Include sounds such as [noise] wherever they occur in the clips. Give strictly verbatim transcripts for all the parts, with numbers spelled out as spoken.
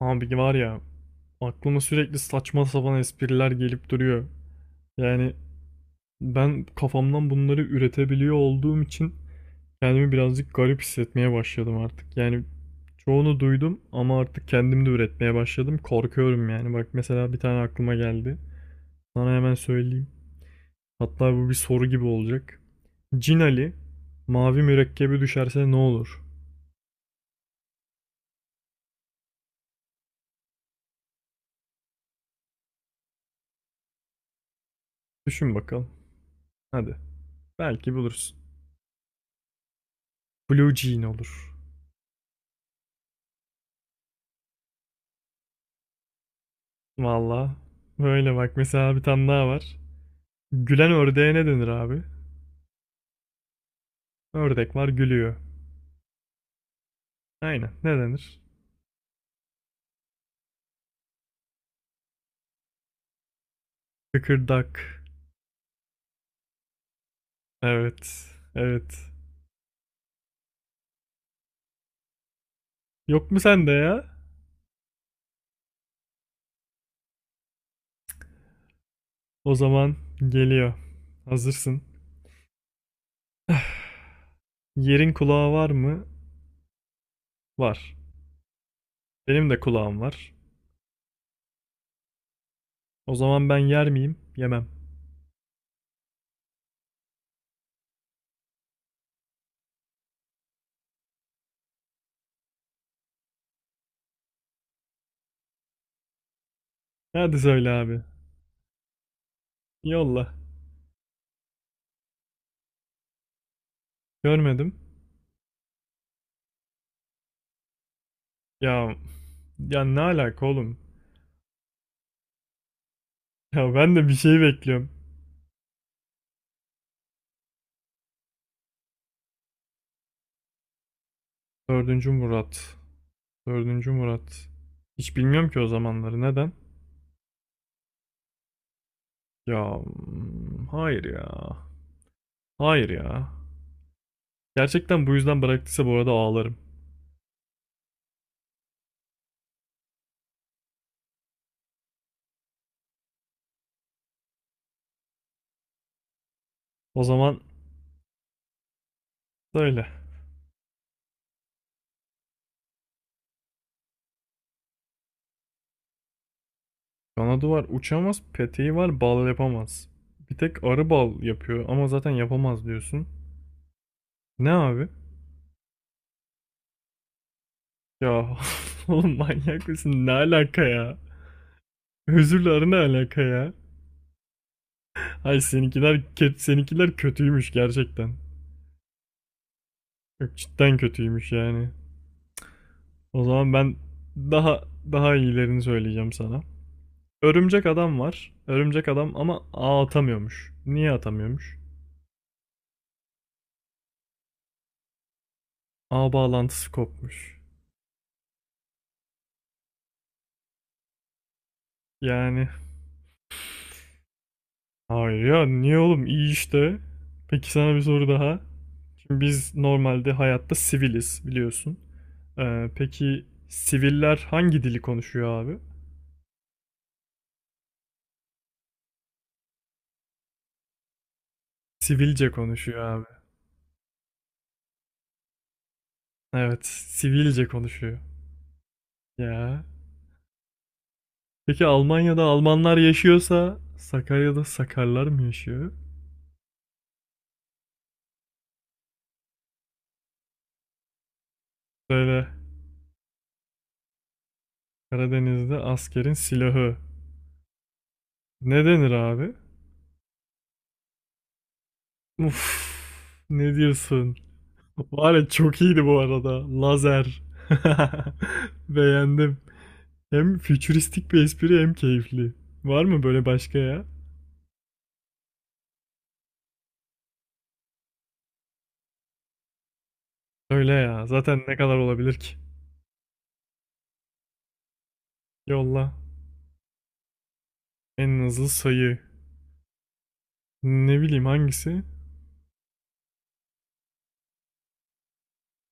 Abi var ya aklıma sürekli saçma sapan espriler gelip duruyor. Yani ben kafamdan bunları üretebiliyor olduğum için kendimi birazcık garip hissetmeye başladım artık. Yani çoğunu duydum ama artık kendim de üretmeye başladım. Korkuyorum yani. Bak mesela bir tane aklıma geldi. Sana hemen söyleyeyim. Hatta bu bir soru gibi olacak. Cin Ali mavi mürekkebi düşerse ne olur? Düşün bakalım. Hadi. Belki bulursun. Blue Jean olur. Valla. Böyle bak mesela bir tane daha var. Gülen ördeğe ne denir abi? Ördek var gülüyor. Aynen. Ne denir? Kıkırdak. Evet. Evet. Yok mu sende ya? O zaman geliyor. Hazırsın. Yerin kulağı var mı? Var. Benim de kulağım var. O zaman ben yer miyim? Yemem. Hadi söyle abi. Yolla. Görmedim. Ya ya ne alaka oğlum? Ya ben de bir şey bekliyorum. Dördüncü Murat. Dördüncü Murat. Hiç bilmiyorum ki o zamanları. Neden? Ya hmm, hayır ya. Hayır ya. Gerçekten bu yüzden bıraktıysa bu arada ağlarım. O zaman söyle. Kanadı var uçamaz, peteği var bal yapamaz. Bir tek arı bal yapıyor ama zaten yapamaz diyorsun. Ne abi? Ya [laughs] oğlum manyak mısın? Ne alaka ya? Özürle arı ne alaka ya? Ay seninkiler, ke- seninkiler kötüymüş gerçekten. Yok cidden kötüymüş yani. O zaman ben daha daha iyilerini söyleyeceğim sana. Örümcek adam var. Örümcek adam ama ağ atamıyormuş. Niye atamıyormuş? Ağ bağlantısı kopmuş. Yani hayır ya niye oğlum iyi işte. Peki sana bir soru daha. Şimdi biz normalde hayatta siviliz biliyorsun. Ee, peki siviller hangi dili konuşuyor abi? Sivilce konuşuyor abi. Evet, sivilce konuşuyor. Ya. Peki Almanya'da Almanlar yaşıyorsa Sakarya'da Sakarlar mı yaşıyor? Söyle. Karadeniz'de askerin silahı. Ne denir abi? Uf, ne diyorsun? Var ya çok iyiydi bu arada. Lazer. [laughs] Beğendim. Hem fütüristik bir espri hem keyifli. Var mı böyle başka ya? Söyle ya. Zaten ne kadar olabilir ki? Yolla. En hızlı sayı. Ne bileyim hangisi?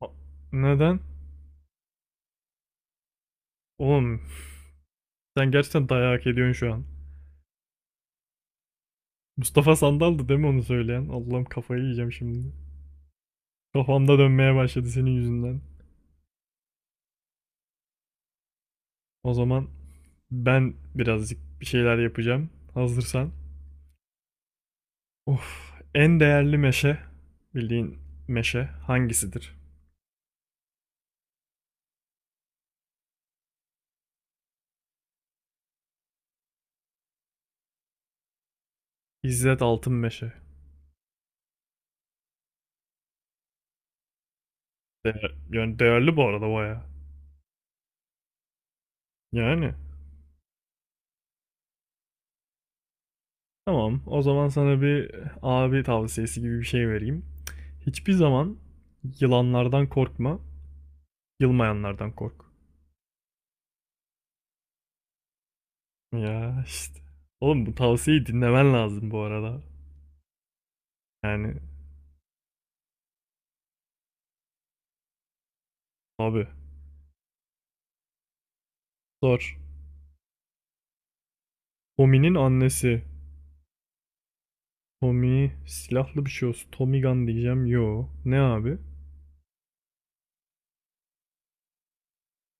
A- Neden? Oğlum sen gerçekten dayak ediyorsun şu an. Mustafa Sandal'dı değil mi onu söyleyen? Allah'ım kafayı yiyeceğim şimdi. Kafamda dönmeye başladı senin yüzünden. O zaman ben birazcık bir şeyler yapacağım. Hazırsan. Of, en değerli meşe, bildiğin meşe hangisidir? İzzet Altın Meşe. Değer- yani değerli bu arada baya. Yani. Tamam, o zaman sana bir abi tavsiyesi gibi bir şey vereyim. Hiçbir zaman yılanlardan korkma, yılmayanlardan kork. Ya işte. Oğlum bu tavsiyeyi dinlemen lazım bu arada. Yani abi zor. Tommy'nin annesi. Tommy silahlı bir şey olsun. Tommy Gun diyeceğim. Yo. Ne abi?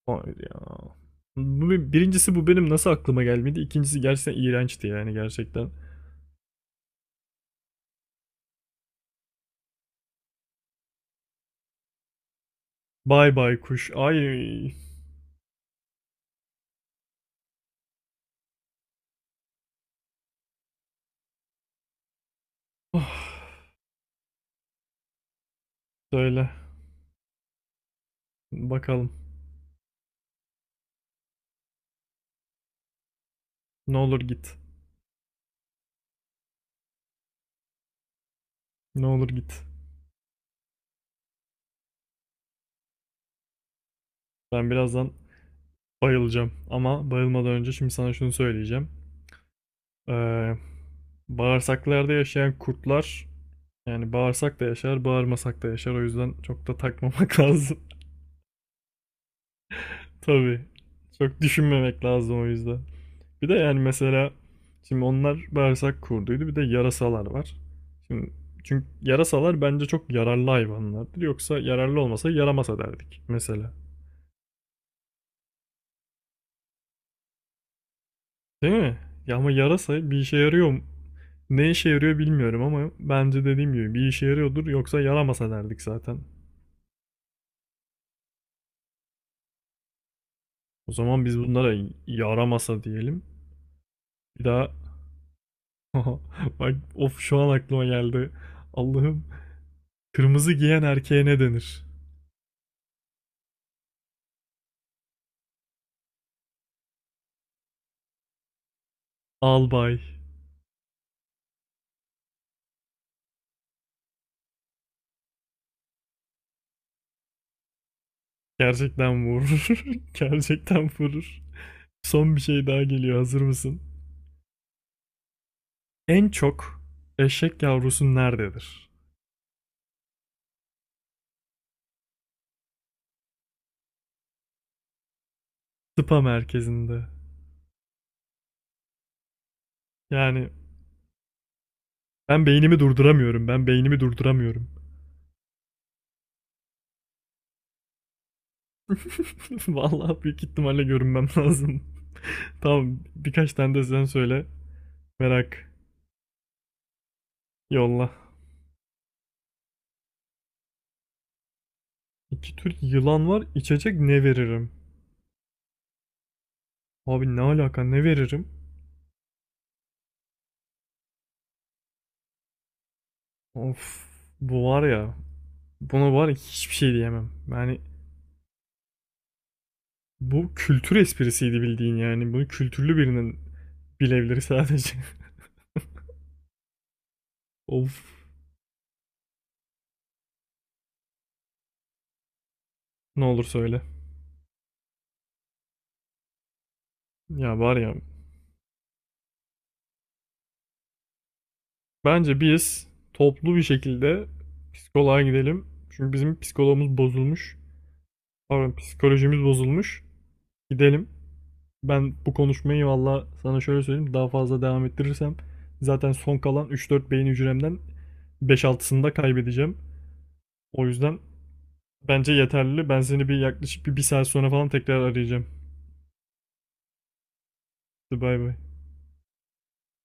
Hayır ya. Bu, birincisi bu benim nasıl aklıma gelmedi. İkincisi gerçekten iğrençti yani gerçekten. Bay bay kuş. Ay. Ah, söyle. Bakalım. Ne olur git. Ne olur git. Ben birazdan bayılacağım. Ama bayılmadan önce şimdi sana şunu söyleyeceğim. Ee, Bağırsaklarda yaşayan kurtlar yani bağırsak da yaşar, bağırmasak da yaşar. O yüzden çok da takmamak [laughs] lazım. Tabii. Çok düşünmemek lazım o yüzden. Bir de yani mesela şimdi onlar bağırsak kurduydu. Bir de yarasalar var. Şimdi çünkü yarasalar bence çok yararlı hayvanlardır. Yoksa yararlı olmasa yaramasa derdik mesela. Değil mi? Ya ama yarasa bir işe yarıyor mu? Ne işe yarıyor bilmiyorum ama bence dediğim gibi bir işe yarıyordur yoksa yaramasa derdik zaten. O zaman biz bunlara yaramasa diyelim. Bir daha [laughs] bak of şu an aklıma geldi. Allah'ım, kırmızı giyen erkeğe ne denir? Albay. Gerçekten vurur. [laughs] Gerçekten vurur. Son bir şey daha geliyor. Hazır mısın? En çok eşek yavrusu nerededir? Spa merkezinde. Yani ben beynimi durduramıyorum. Ben beynimi durduramıyorum. [laughs] Vallahi büyük ihtimalle görünmem lazım. [laughs] Tamam, birkaç tane de sen söyle. Merak. Yolla. İki tür yılan var. İçecek ne veririm? Abi ne alaka ne veririm? Of bu var ya buna var ya hiçbir şey diyemem. Yani bu kültür esprisiydi bildiğin yani. Bunu kültürlü birinin bilebilir sadece. [laughs] Of, ne olur söyle. Ya var ya bence biz toplu bir şekilde psikoloğa gidelim. Çünkü bizim psikologumuz bozulmuş. Pardon psikolojimiz bozulmuş. Gidelim. Ben bu konuşmayı valla sana şöyle söyleyeyim. Daha fazla devam ettirirsem zaten son kalan üç dört beyin hücremden beş altısını da kaybedeceğim. O yüzden bence yeterli. Ben seni bir yaklaşık bir, bir saat sonra falan tekrar arayacağım. Hadi bay bay.